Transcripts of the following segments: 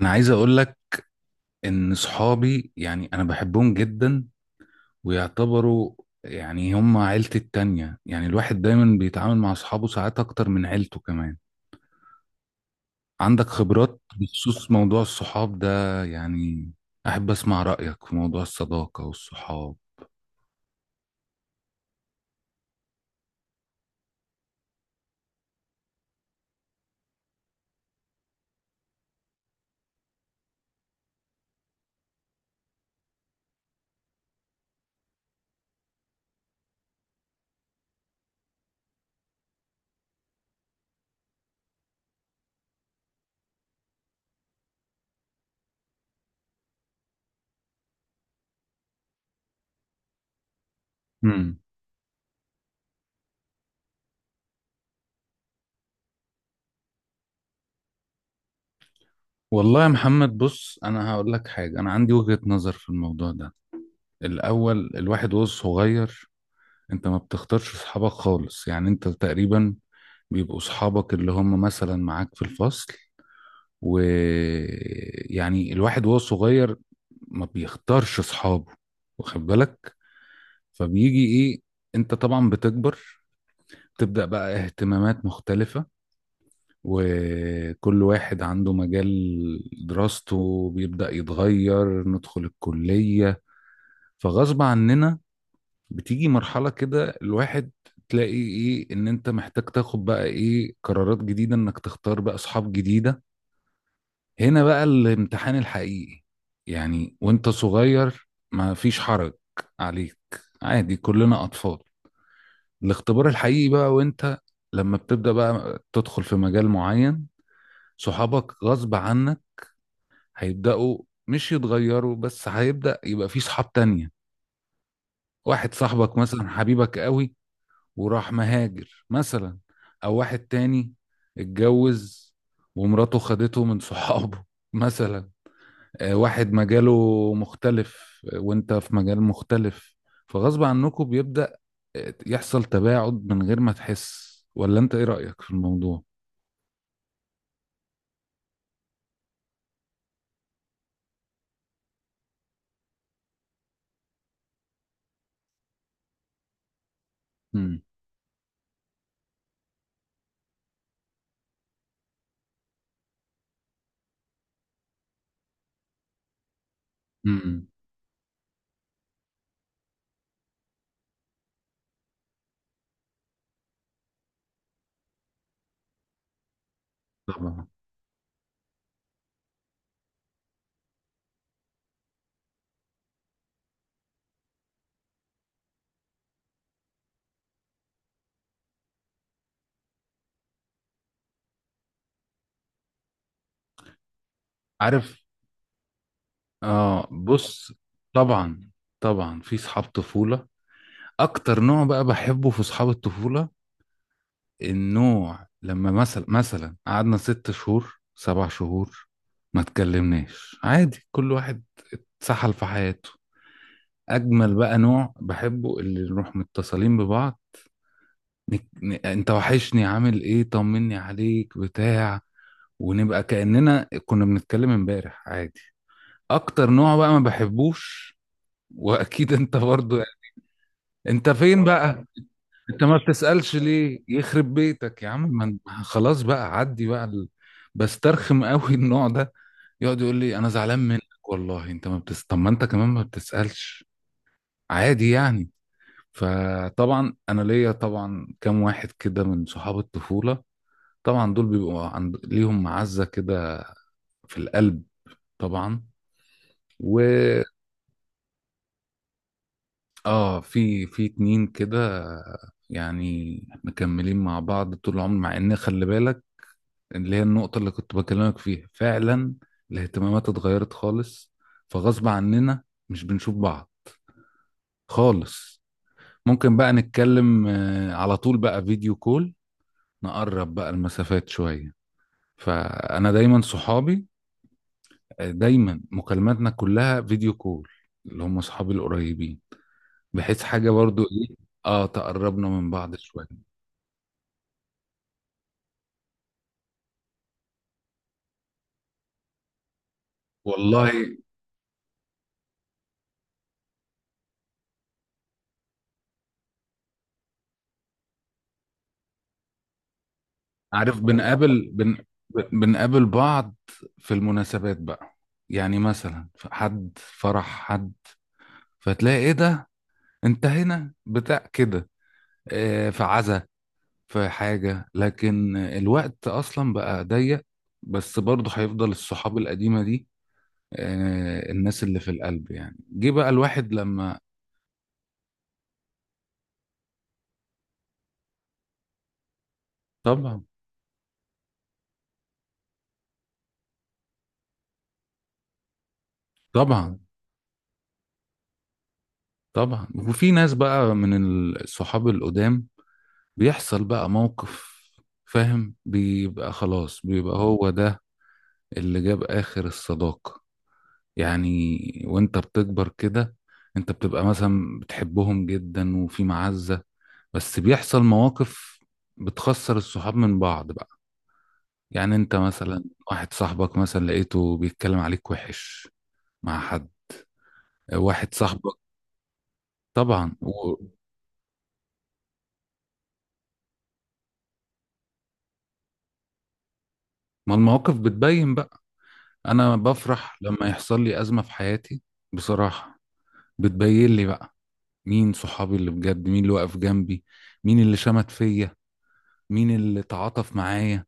انا عايز اقول لك ان صحابي، يعني انا بحبهم جدا، ويعتبروا يعني هم عيلتي التانية. يعني الواحد دايما بيتعامل مع اصحابه ساعات اكتر من عيلته كمان. عندك خبرات بخصوص موضوع الصحاب ده؟ يعني احب اسمع رأيك في موضوع الصداقة والصحاب. امم. والله يا محمد بص، انا هقول لك حاجة، انا عندي وجهة نظر في الموضوع ده. الاول الواحد وهو صغير انت ما بتختارش صحابك خالص، يعني انت تقريبا بيبقوا صحابك اللي هم مثلا معاك في الفصل. ويعني الواحد وهو صغير ما بيختارش صحابه، واخد بالك؟ فبيجي ايه، انت طبعا بتكبر، تبدأ بقى اهتمامات مختلفة، وكل واحد عنده مجال، دراسته بيبدأ يتغير، ندخل الكلية، فغصب عننا بتيجي مرحلة كده الواحد تلاقي ايه ان انت محتاج تاخد بقى ايه قرارات جديدة انك تختار بقى اصحاب جديدة. هنا بقى الامتحان الحقيقي. يعني وانت صغير ما فيش حرج عليك، عادي كلنا اطفال. الاختبار الحقيقي بقى وانت لما بتبدأ بقى تدخل في مجال معين، صحابك غصب عنك هيبدأوا مش يتغيروا بس، هيبدأ يبقى في صحاب تانية. واحد صاحبك مثلا حبيبك قوي وراح مهاجر مثلا، او واحد تاني اتجوز ومراته خدته من صحابه مثلا، واحد مجاله مختلف وانت في مجال مختلف، فغصب عنكم بيبدأ يحصل تباعد من غير ما تحس. ولا انت ايه رأيك في الموضوع؟ امم. امم. طبعا. عارف. اه، بص. طبعا، طبعا في صحاب طفولة. اكتر نوع بقى بحبه في صحاب الطفولة، النوع لما مثلا قعدنا ست شهور سبع شهور ما تكلمناش، عادي كل واحد سحل في حياته. اجمل بقى نوع بحبه اللي نروح متصلين ببعض، انت وحشني، عامل ايه، طمني عليك بتاع، ونبقى كأننا كنا بنتكلم امبارح عادي. اكتر نوع بقى ما بحبوش، واكيد انت برضو يعني. انت فين بقى؟ انت ما بتسألش ليه يخرب بيتك يا عم خلاص بقى عدي بقى بسترخم قوي النوع ده، يقعد يقول لي انا زعلان منك والله انت ما بتس... طب ما انت كمان ما بتسألش، عادي يعني. فطبعا انا ليا طبعا كام واحد كده من صحاب الطفوله، طبعا دول ليهم معزه كده في القلب، طبعا. و اه في اتنين كده يعني مكملين مع بعض طول العمر، مع ان خلي بالك، اللي هي النقطه اللي كنت بكلمك فيها فعلا، الاهتمامات اتغيرت خالص فغصب عننا مش بنشوف بعض خالص. ممكن بقى نتكلم على طول بقى فيديو كول، نقرب بقى المسافات شويه. فانا دايما صحابي، دايما مكالماتنا كلها فيديو كول، اللي هم صحابي القريبين، بحيث حاجه برضو ايه، اه تقربنا من بعض شويه. والله عارف، بنقابل بعض في المناسبات بقى، يعني مثلا في حد فرح حد، فتلاقي ايه ده، انت هنا بتاع كده، في عزا في حاجه، لكن الوقت اصلا بقى ضيق، بس برضه هيفضل الصحاب القديمه دي، الناس اللي في القلب، يعني جه بقى الواحد لما. طبعا، طبعا، طبعا، وفي ناس بقى من الصحاب القدام بيحصل بقى موقف فاهم، بيبقى خلاص بيبقى هو ده اللي جاب آخر الصداقة، يعني وانت بتكبر كده انت بتبقى مثلا بتحبهم جدا وفي معزة، بس بيحصل مواقف بتخسر الصحاب من بعض بقى. يعني انت مثلا واحد صاحبك مثلا لقيته بيتكلم عليك وحش مع حد، واحد صاحبك طبعا و... ما المواقف بتبين بقى. انا بفرح لما يحصل لي ازمه في حياتي بصراحه، بتبين لي بقى مين صحابي اللي بجد، مين اللي واقف جنبي، مين اللي شمت فيا، مين اللي تعاطف معايا،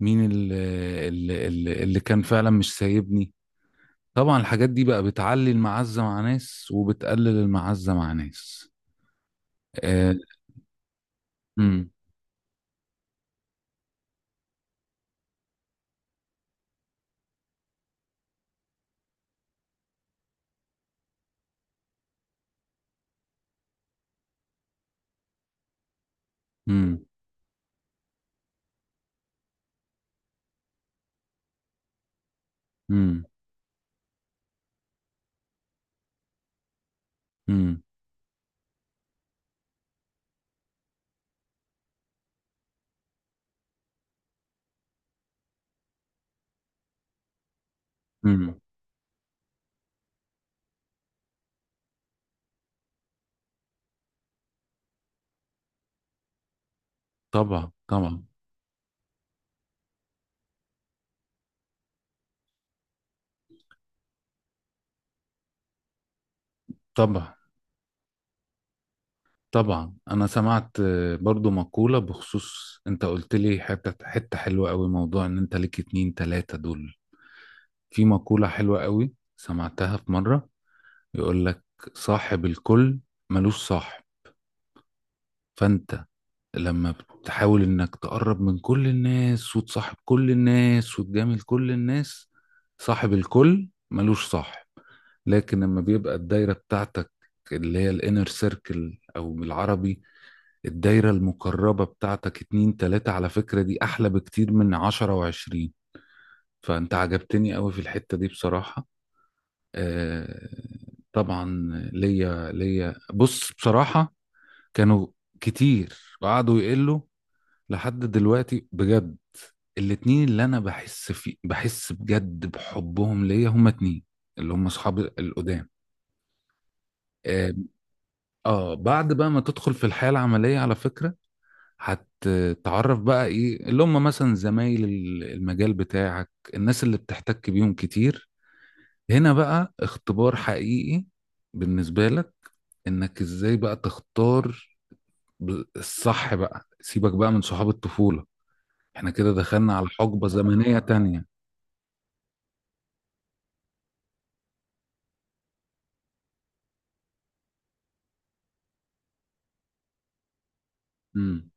مين اللي كان فعلا مش سايبني. طبعا الحاجات دي بقى بتعلي المعزه مع ناس وبتقلل المعزه مع ناس. آه... مم. مم. مم. مم. مم. طبعا، طبعا، طبعا، طبعا، انا سمعت برضو مقولة بخصوص انت قلت لي حتة حتة حلوة قوي، موضوع ان انت ليك اتنين تلاتة دول. في مقولة حلوة قوي سمعتها في مرة، يقول لك صاحب الكل ملوش صاحب. فانت لما بتحاول انك تقرب من كل الناس وتصاحب كل الناس وتجامل كل الناس، صاحب الكل ملوش صاحب. لكن لما بيبقى الدايرة بتاعتك اللي هي الانر سيركل او بالعربي الدايرة المقربة بتاعتك اتنين تلاتة، على فكرة دي أحلى بكتير من عشرة وعشرين. فأنت عجبتني قوي في الحتة دي بصراحة. آه، طبعا. ليا بص بصراحة، كانوا كتير وقعدوا يقلوا لحد دلوقتي بجد، الاتنين اللي أنا بحس، في بحس بجد بحبهم ليا هما اتنين، اللي هما أصحابي القدام. آه, بعد بقى ما تدخل في الحياة العملية على فكرة هتتعرف بقى ايه اللي هم مثلا زمايل المجال بتاعك، الناس اللي بتحتك بيهم كتير، هنا بقى اختبار حقيقي بالنسبة لك، انك ازاي بقى تختار الصح بقى. سيبك بقى من صحاب الطفولة، احنا كده دخلنا على حقبة زمنية تانية. امم.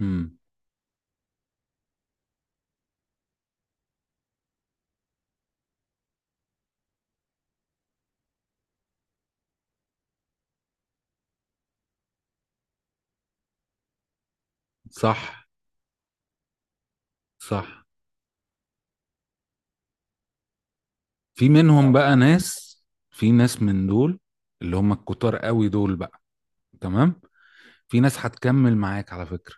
امم. صح، صح. في منهم بقى ناس، في ناس من دول اللي هم الكتار قوي دول بقى، تمام، في ناس هتكمل معاك على فكرة،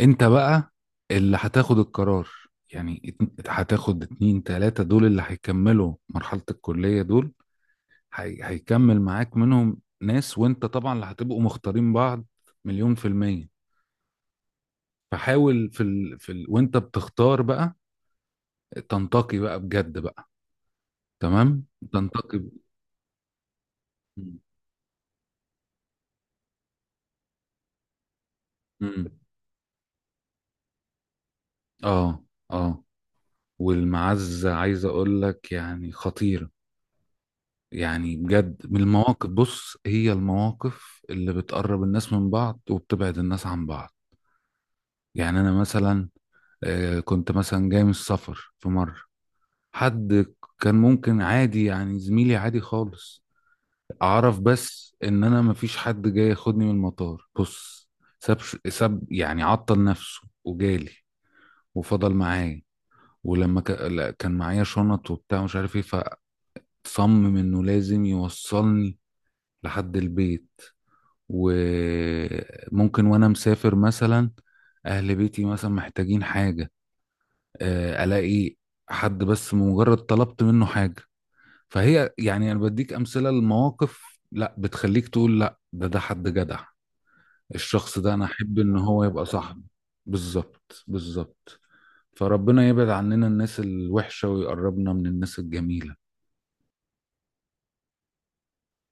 انت بقى اللي هتاخد القرار، يعني هتاخد اتنين تلاتة دول اللي هيكملوا مرحلة الكلية دول، هيكمل معاك منهم ناس، وانت طبعا اللي هتبقوا مختارين بعض مليون في المية. فحاول وانت بتختار بقى تنتقي بقى بجد بقى، تمام، تنتقي ب... مم. اه، اه، والمعزة عايز اقول لك يعني خطيرة. يعني بجد من المواقف بص، هي المواقف اللي بتقرب الناس من بعض وبتبعد الناس عن بعض. يعني انا مثلا كنت مثلا جاي من السفر في مرة، حد كان ممكن عادي يعني زميلي عادي خالص، اعرف بس ان انا مفيش حد جاي ياخدني من المطار، بص ساب ساب يعني عطل نفسه وجالي وفضل معايا، ولما لا، كان معايا شنط وبتاع مش عارف ايه، فصمم انه لازم يوصلني لحد البيت. وممكن وانا مسافر مثلا اهل بيتي مثلا محتاجين حاجة، الاقي حد بس مجرد طلبت منه حاجة. فهي يعني انا بديك امثلة لمواقف لا بتخليك تقول لا ده حد جدع، الشخص ده انا احب ان هو يبقى صاحبي. بالظبط، بالظبط. فربنا يبعد عننا الناس الوحشة ويقربنا من الناس الجميلة.